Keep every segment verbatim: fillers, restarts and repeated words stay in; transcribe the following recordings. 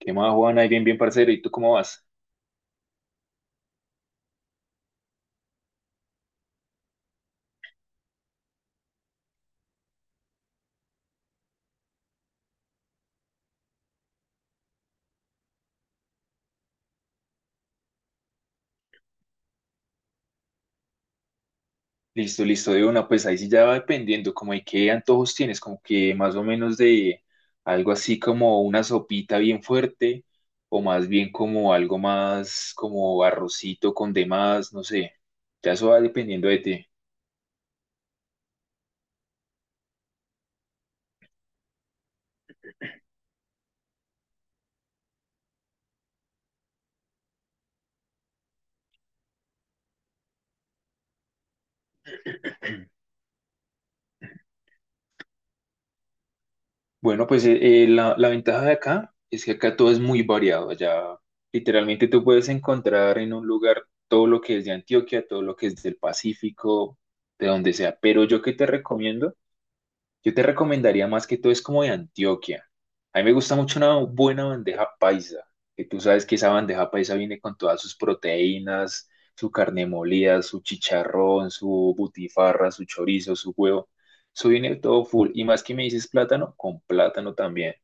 ¿Qué más, Juan? Ahí bien, bien, parcero. ¿Y tú cómo vas? Listo, listo, de una. Pues ahí sí ya va dependiendo, como de qué antojos tienes, como que más o menos de algo así como una sopita bien fuerte, o más bien como algo más como arrocito con demás, no sé. Ya eso va dependiendo de ti. Bueno, pues eh, eh, la, la ventaja de acá es que acá todo es muy variado. Allá literalmente tú puedes encontrar en un lugar todo lo que es de Antioquia, todo lo que es del Pacífico, de donde sea. Pero yo que te recomiendo Yo te recomendaría más que todo es como de Antioquia. A mí me gusta mucho una buena bandeja paisa, que tú sabes que esa bandeja paisa viene con todas sus proteínas, su carne molida, su chicharrón, su butifarra, su chorizo, su huevo. Eso viene todo full. Y más que me dices plátano, con plátano también.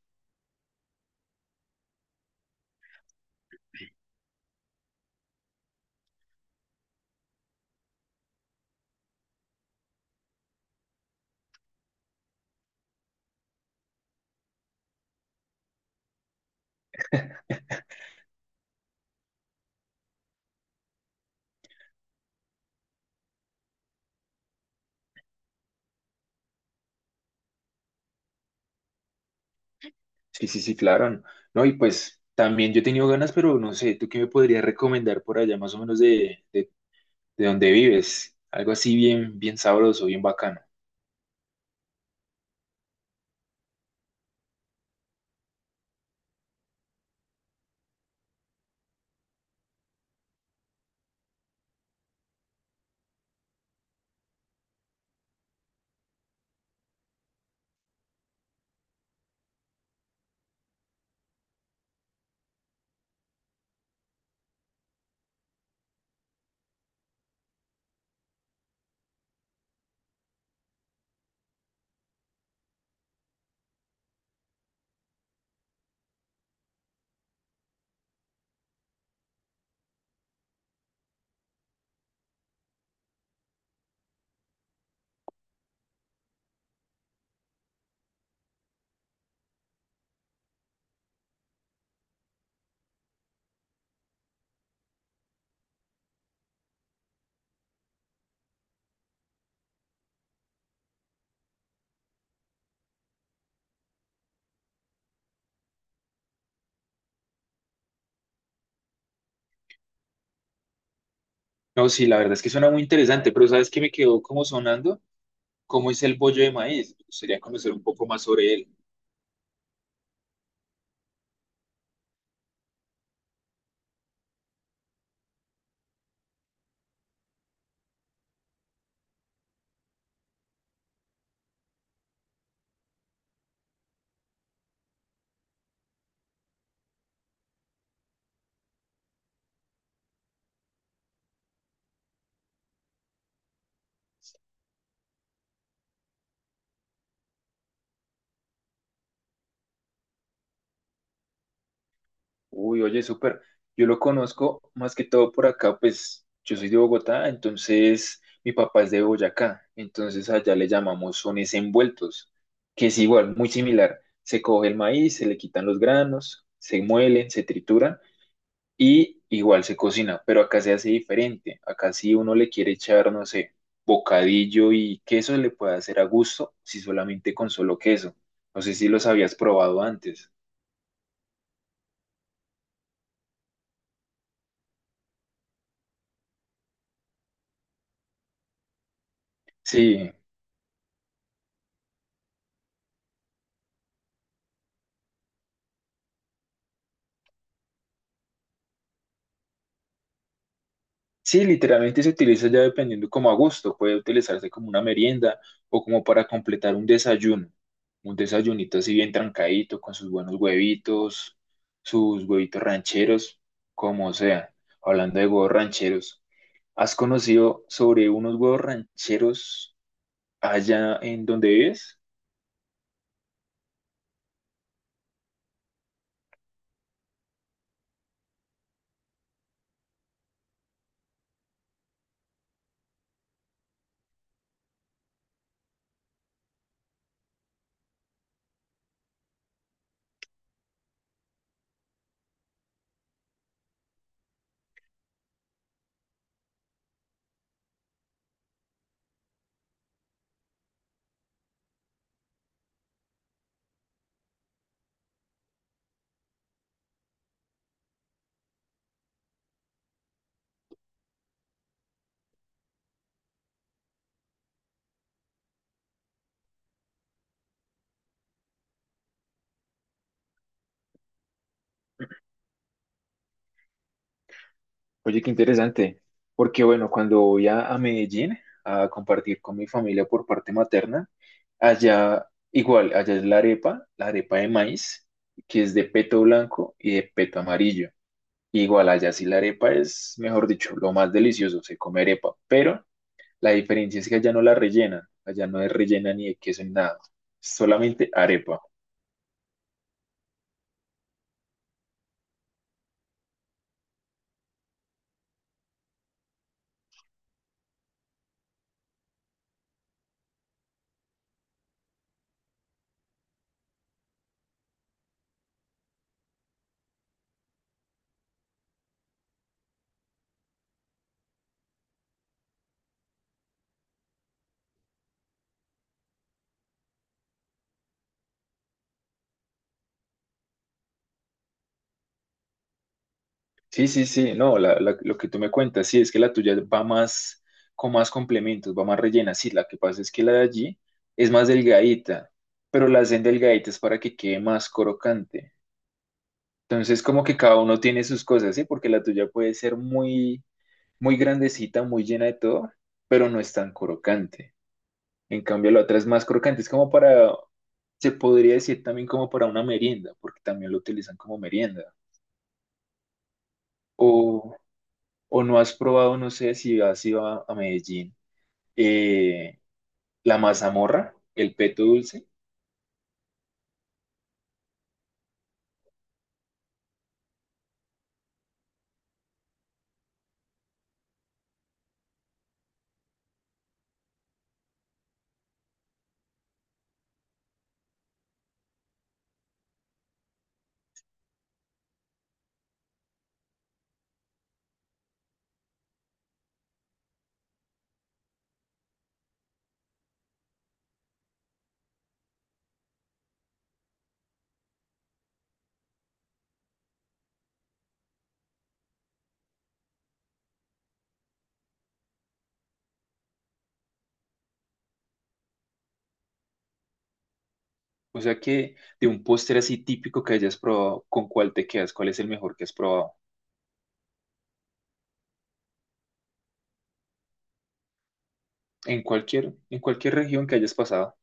Sí, sí, sí, claro. No, No, y pues también yo he tenido ganas, pero no sé, ¿tú qué me podrías recomendar por allá más o menos de, de, de donde vives? Algo así bien, bien sabroso, bien bacano. No, sí, la verdad es que suena muy interesante, pero ¿sabes qué me quedó como sonando? ¿Cómo es el bollo de maíz? Me gustaría conocer un poco más sobre él. Uy, oye, súper. Yo lo conozco más que todo por acá, pues yo soy de Bogotá, entonces mi papá es de Boyacá, entonces allá le llamamos sones envueltos, que es igual, muy similar. Se coge el maíz, se le quitan los granos, se muelen, se trituran y igual se cocina, pero acá se hace diferente. Acá si uno le quiere echar, no sé, bocadillo y queso, le puede hacer a gusto, si solamente con solo queso. No sé si los habías probado antes. Sí, sí, literalmente se utiliza ya dependiendo como a gusto. Puede utilizarse como una merienda o como para completar un desayuno. Un desayunito así bien trancadito, con sus buenos huevitos, sus huevitos rancheros, como sea. Hablando de huevos rancheros. ¿Has conocido sobre unos huevos rancheros allá en donde vives? Oye, qué interesante, porque bueno, cuando voy a, a Medellín a compartir con mi familia por parte materna, allá igual, allá es la arepa, la arepa de maíz, que es de peto blanco y de peto amarillo. Igual allá sí la arepa es, mejor dicho, lo más delicioso, se come arepa, pero la diferencia es que allá no la rellenan, allá no es rellena ni de queso ni nada, solamente arepa. Sí, sí, sí, no, la- la- lo que tú me cuentas, sí, es que la tuya va más con más complementos, va más rellena, sí, la que pasa es que la de allí es más delgadita, pero la hacen delgadita es para que quede más crocante. Entonces, como que cada uno tiene sus cosas, sí, porque la tuya puede ser muy, muy grandecita, muy llena de todo, pero no es tan crocante. En cambio, la otra es más crocante, es como para, se podría decir también como para una merienda, porque también lo utilizan como merienda. O, o no has probado, no sé si has ido a, a Medellín, eh, la mazamorra, el peto dulce. O sea que de un postre así típico que hayas probado, ¿con cuál te quedas? ¿Cuál es el mejor que has probado? En cualquier, en cualquier región que hayas pasado.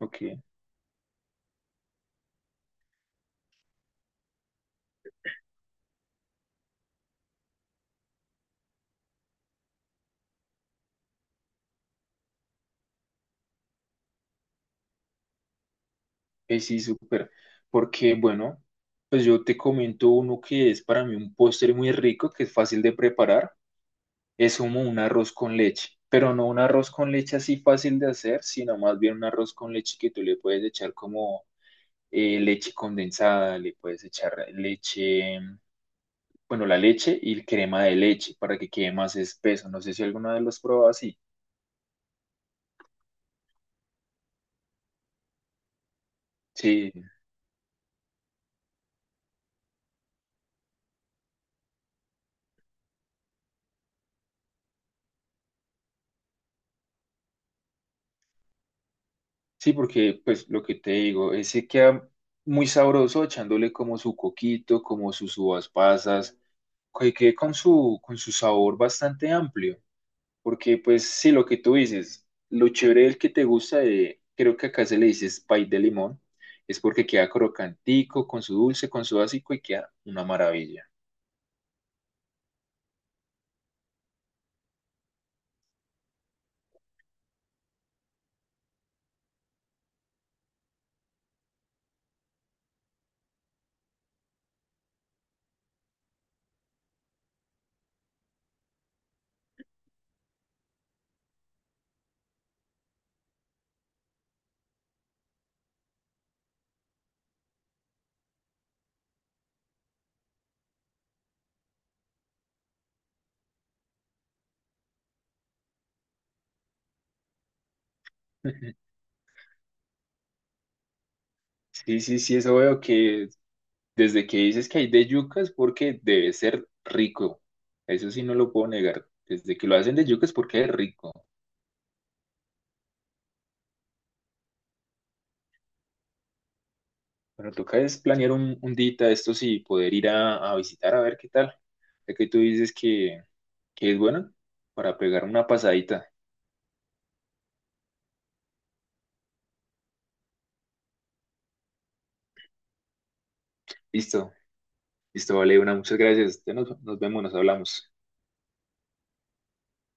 Ok, eh, sí, súper. Porque, bueno, pues yo te comento uno que es para mí un postre muy rico, que es fácil de preparar. Es como un arroz con leche, pero no un arroz con leche así fácil de hacer, sino más bien un arroz con leche que tú le puedes echar como eh, leche condensada, le puedes echar leche, bueno, la leche y crema de leche para que quede más espeso. No sé si alguna vez los has probado así. Sí, sí, porque pues lo que te digo, ese queda muy sabroso echándole como su coquito, como sus uvas pasas, que quede con su, con su sabor bastante amplio. Porque pues sí, lo que tú dices, lo chévere del que te gusta, de, creo que acá se le dice pie de limón, es porque queda crocantico, con su dulce, con su básico y queda una maravilla. Sí, sí, sí, eso veo que desde que dices que hay de yuca es porque debe ser rico. Eso sí no lo puedo negar. Desde que lo hacen de yuca es porque es rico. Pero toca es planear un, un dita esto sí, poder ir a, a visitar a ver qué tal. Ya que tú dices que, que es bueno para pegar una pasadita. Listo, listo, vale, una, muchas gracias. Ya nos, nos vemos, nos hablamos.